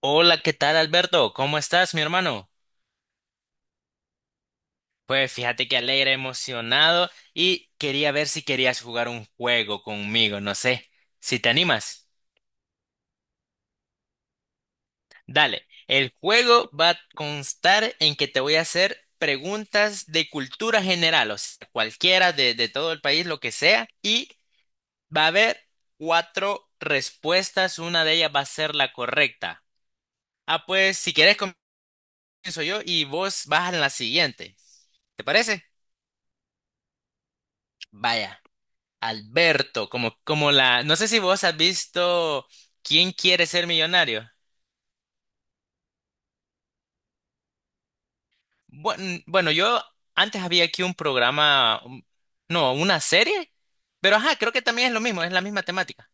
Hola, ¿qué tal Alberto? ¿Cómo estás, mi hermano? Pues fíjate que alegre, emocionado y quería ver si querías jugar un juego conmigo, no sé, si te animas. Dale, el juego va a constar en que te voy a hacer preguntas de cultura general, o sea, cualquiera de todo el país, lo que sea, y va a haber cuatro respuestas, una de ellas va a ser la correcta. Ah, pues si quieres comienzo yo y vos vas en la siguiente, ¿te parece? Vaya. Alberto, no sé si vos has visto ¿Quién quiere ser millonario? Bueno, yo antes había aquí un programa, no, una serie, pero ajá, creo que también es lo mismo, es la misma temática.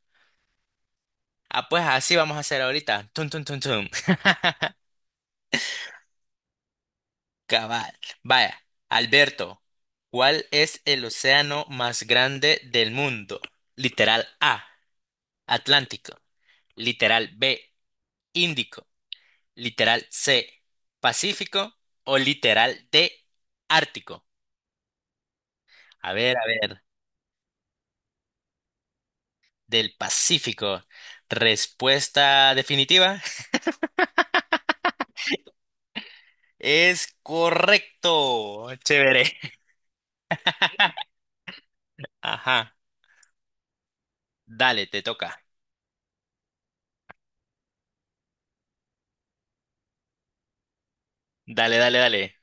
Ah, pues así vamos a hacer ahorita. Tum, tum, tum, tum. Cabal. Vaya, Alberto, ¿cuál es el océano más grande del mundo? Literal A, Atlántico. Literal B, Índico. Literal C, Pacífico o literal D, Ártico. A ver, del Pacífico. Respuesta definitiva. Es correcto. Chévere. Ajá. Dale, te toca. Dale, dale, dale.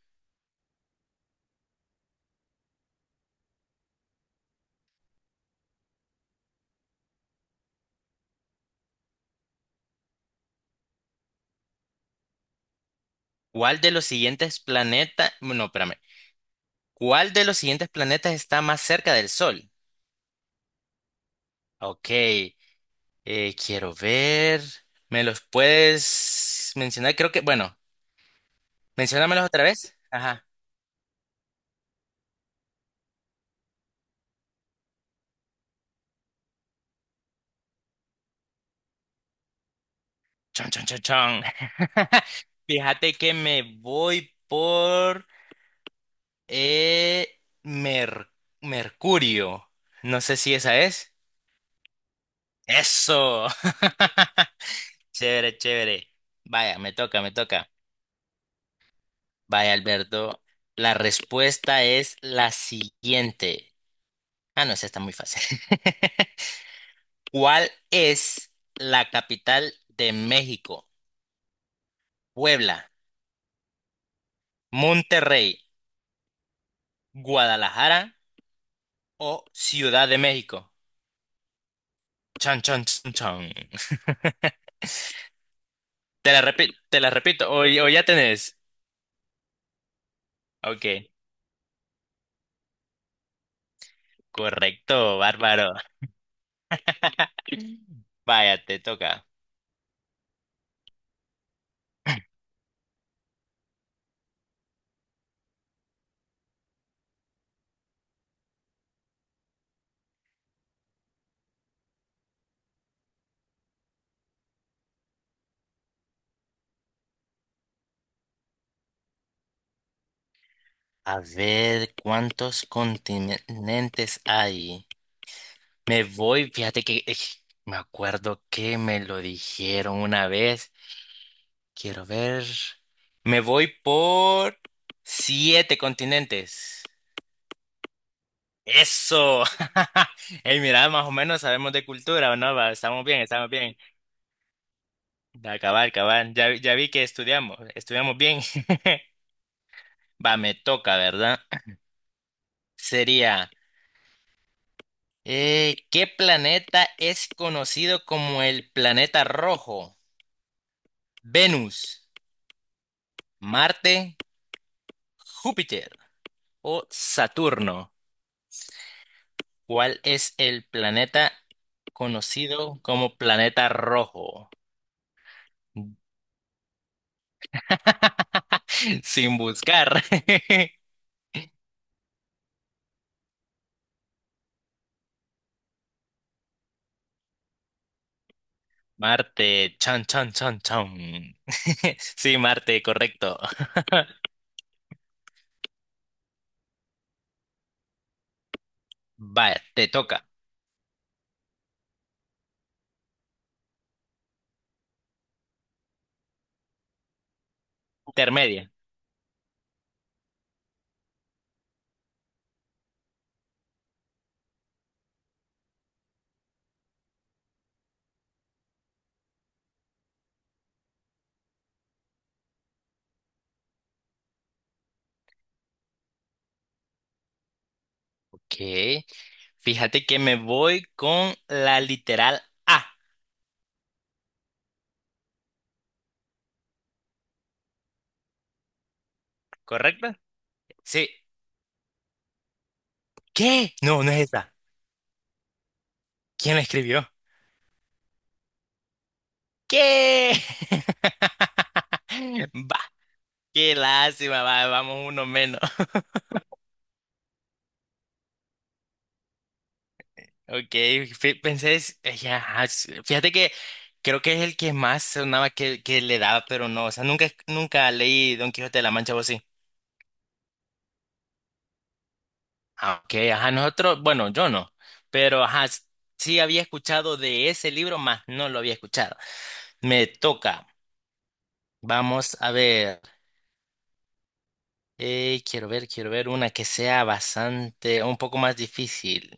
¿Cuál de los siguientes planetas... No, espérame. ¿Cuál de los siguientes planetas está más cerca del Sol? Ok, quiero ver. ¿Me los puedes mencionar? Creo que... Bueno, menciónamelos otra vez. Ajá. Chon, chon, chon, chon. Fíjate que me voy por eh, Mer- Mercurio. No sé si esa es. Eso. Chévere, chévere. Vaya, me toca, me toca. Vaya, Alberto. La respuesta es la siguiente. Ah, no, esa está muy fácil. ¿Cuál es la capital de México? Puebla, Monterrey, Guadalajara o Ciudad de México. Chan, chan, chan, chan. Te la repito, o ya tenés. Ok, correcto, bárbaro. Vaya, te toca. A ver, ¿cuántos continentes hay? Me voy, fíjate que me acuerdo que me lo dijeron una vez. Quiero ver. Me voy por siete continentes. Eso. Hey, mira, más o menos sabemos de cultura, ¿o no? Va, estamos bien, estamos bien. Acabar, acabar. Ya, ya vi que estudiamos, estudiamos bien. Va, me toca, ¿verdad? Sería, ¿qué planeta es conocido como el planeta rojo? ¿Venus, Marte, Júpiter o Saturno? ¿Cuál es el planeta conocido como planeta rojo? Sin buscar. Marte, chan, chan, chan, chan. Sí, Marte, correcto. Va, te toca. Intermedia. Ok. Fíjate que me voy con la literal A, ¿correcto? Sí. ¿Qué? No, no es esa. ¿Quién la escribió? ¿Qué? Bah, qué lástima, va, vamos uno menos. Ok, pensé, fíjate que creo que es el que más sonaba que le daba, pero no, o sea, nunca leí Don Quijote de la Mancha, ¿vos sí? Ah, ok, ajá, nosotros, bueno, yo no, pero ajá, sí había escuchado de ese libro, más no lo había escuchado. Me toca, vamos a ver, quiero ver una que sea bastante, un poco más difícil.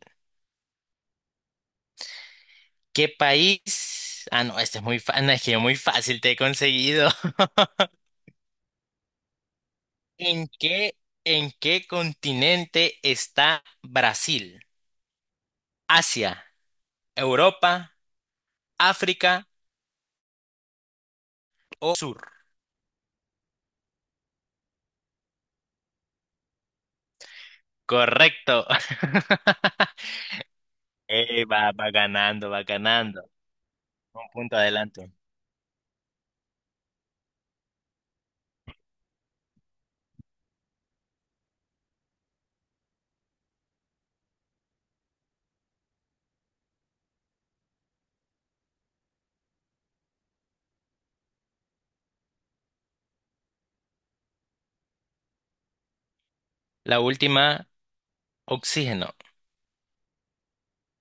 ¿Qué país? Ah, no, este es muy fácil, es que muy fácil te he conseguido. ¿En qué, en qué continente está Brasil? ¿Asia, Europa, África o Sur? Correcto. Va, va ganando, va ganando. Un punto adelante. La última, oxígeno.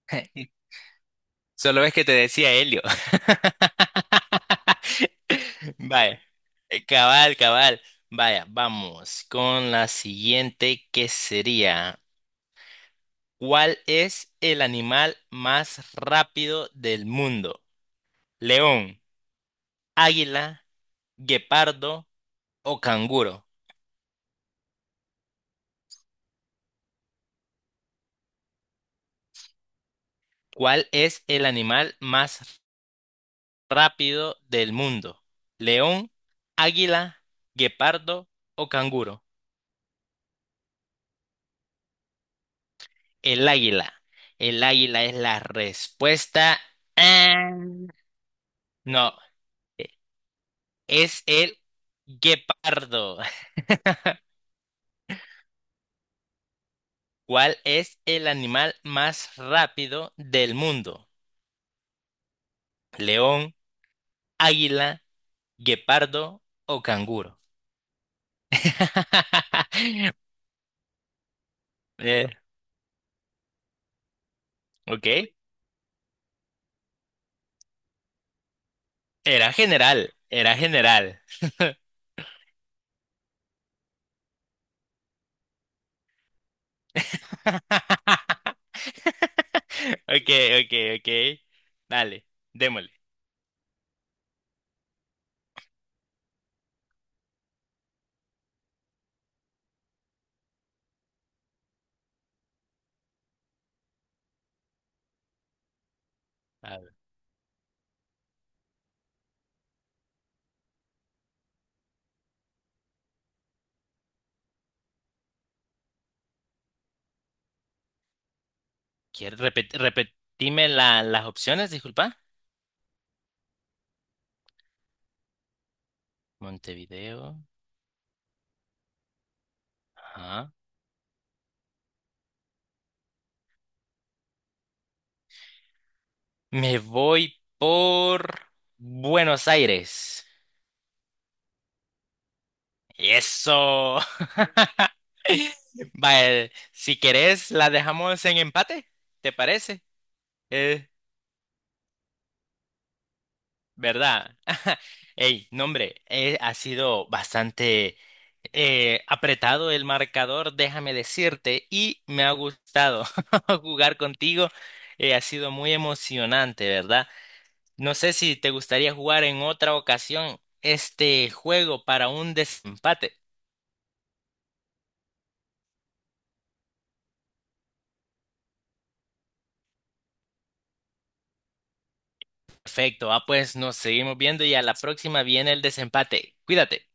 Solo es que te decía helio. Vaya, cabal, cabal. Vaya, vamos con la siguiente que sería, ¿cuál es el animal más rápido del mundo? ¿León, águila, guepardo o canguro? ¿Cuál es el animal más rápido del mundo? ¿León, águila, guepardo o canguro? El águila. El águila es la respuesta. Ah, no, e- es el guepardo. ¿Cuál es el animal más rápido del mundo? ¿León, águila, guepardo o canguro? Eh, ok, era general, era general. Okay, okay, okay. Dale, démosle. A ver, ¿quieres repetirme las opciones? Disculpa. Montevideo. Ajá. Me voy por Buenos Aires. Eso. Vale, si querés, la dejamos en empate. ¿Te parece? Eh, ¿Verdad? Ey, no hombre, ha sido bastante apretado el marcador, déjame decirte, y me ha gustado jugar contigo. Ha sido muy emocionante, ¿verdad? No sé si te gustaría jugar en otra ocasión este juego para un desempate. Perfecto, ah, pues nos seguimos viendo y a la próxima viene el desempate. Cuídate.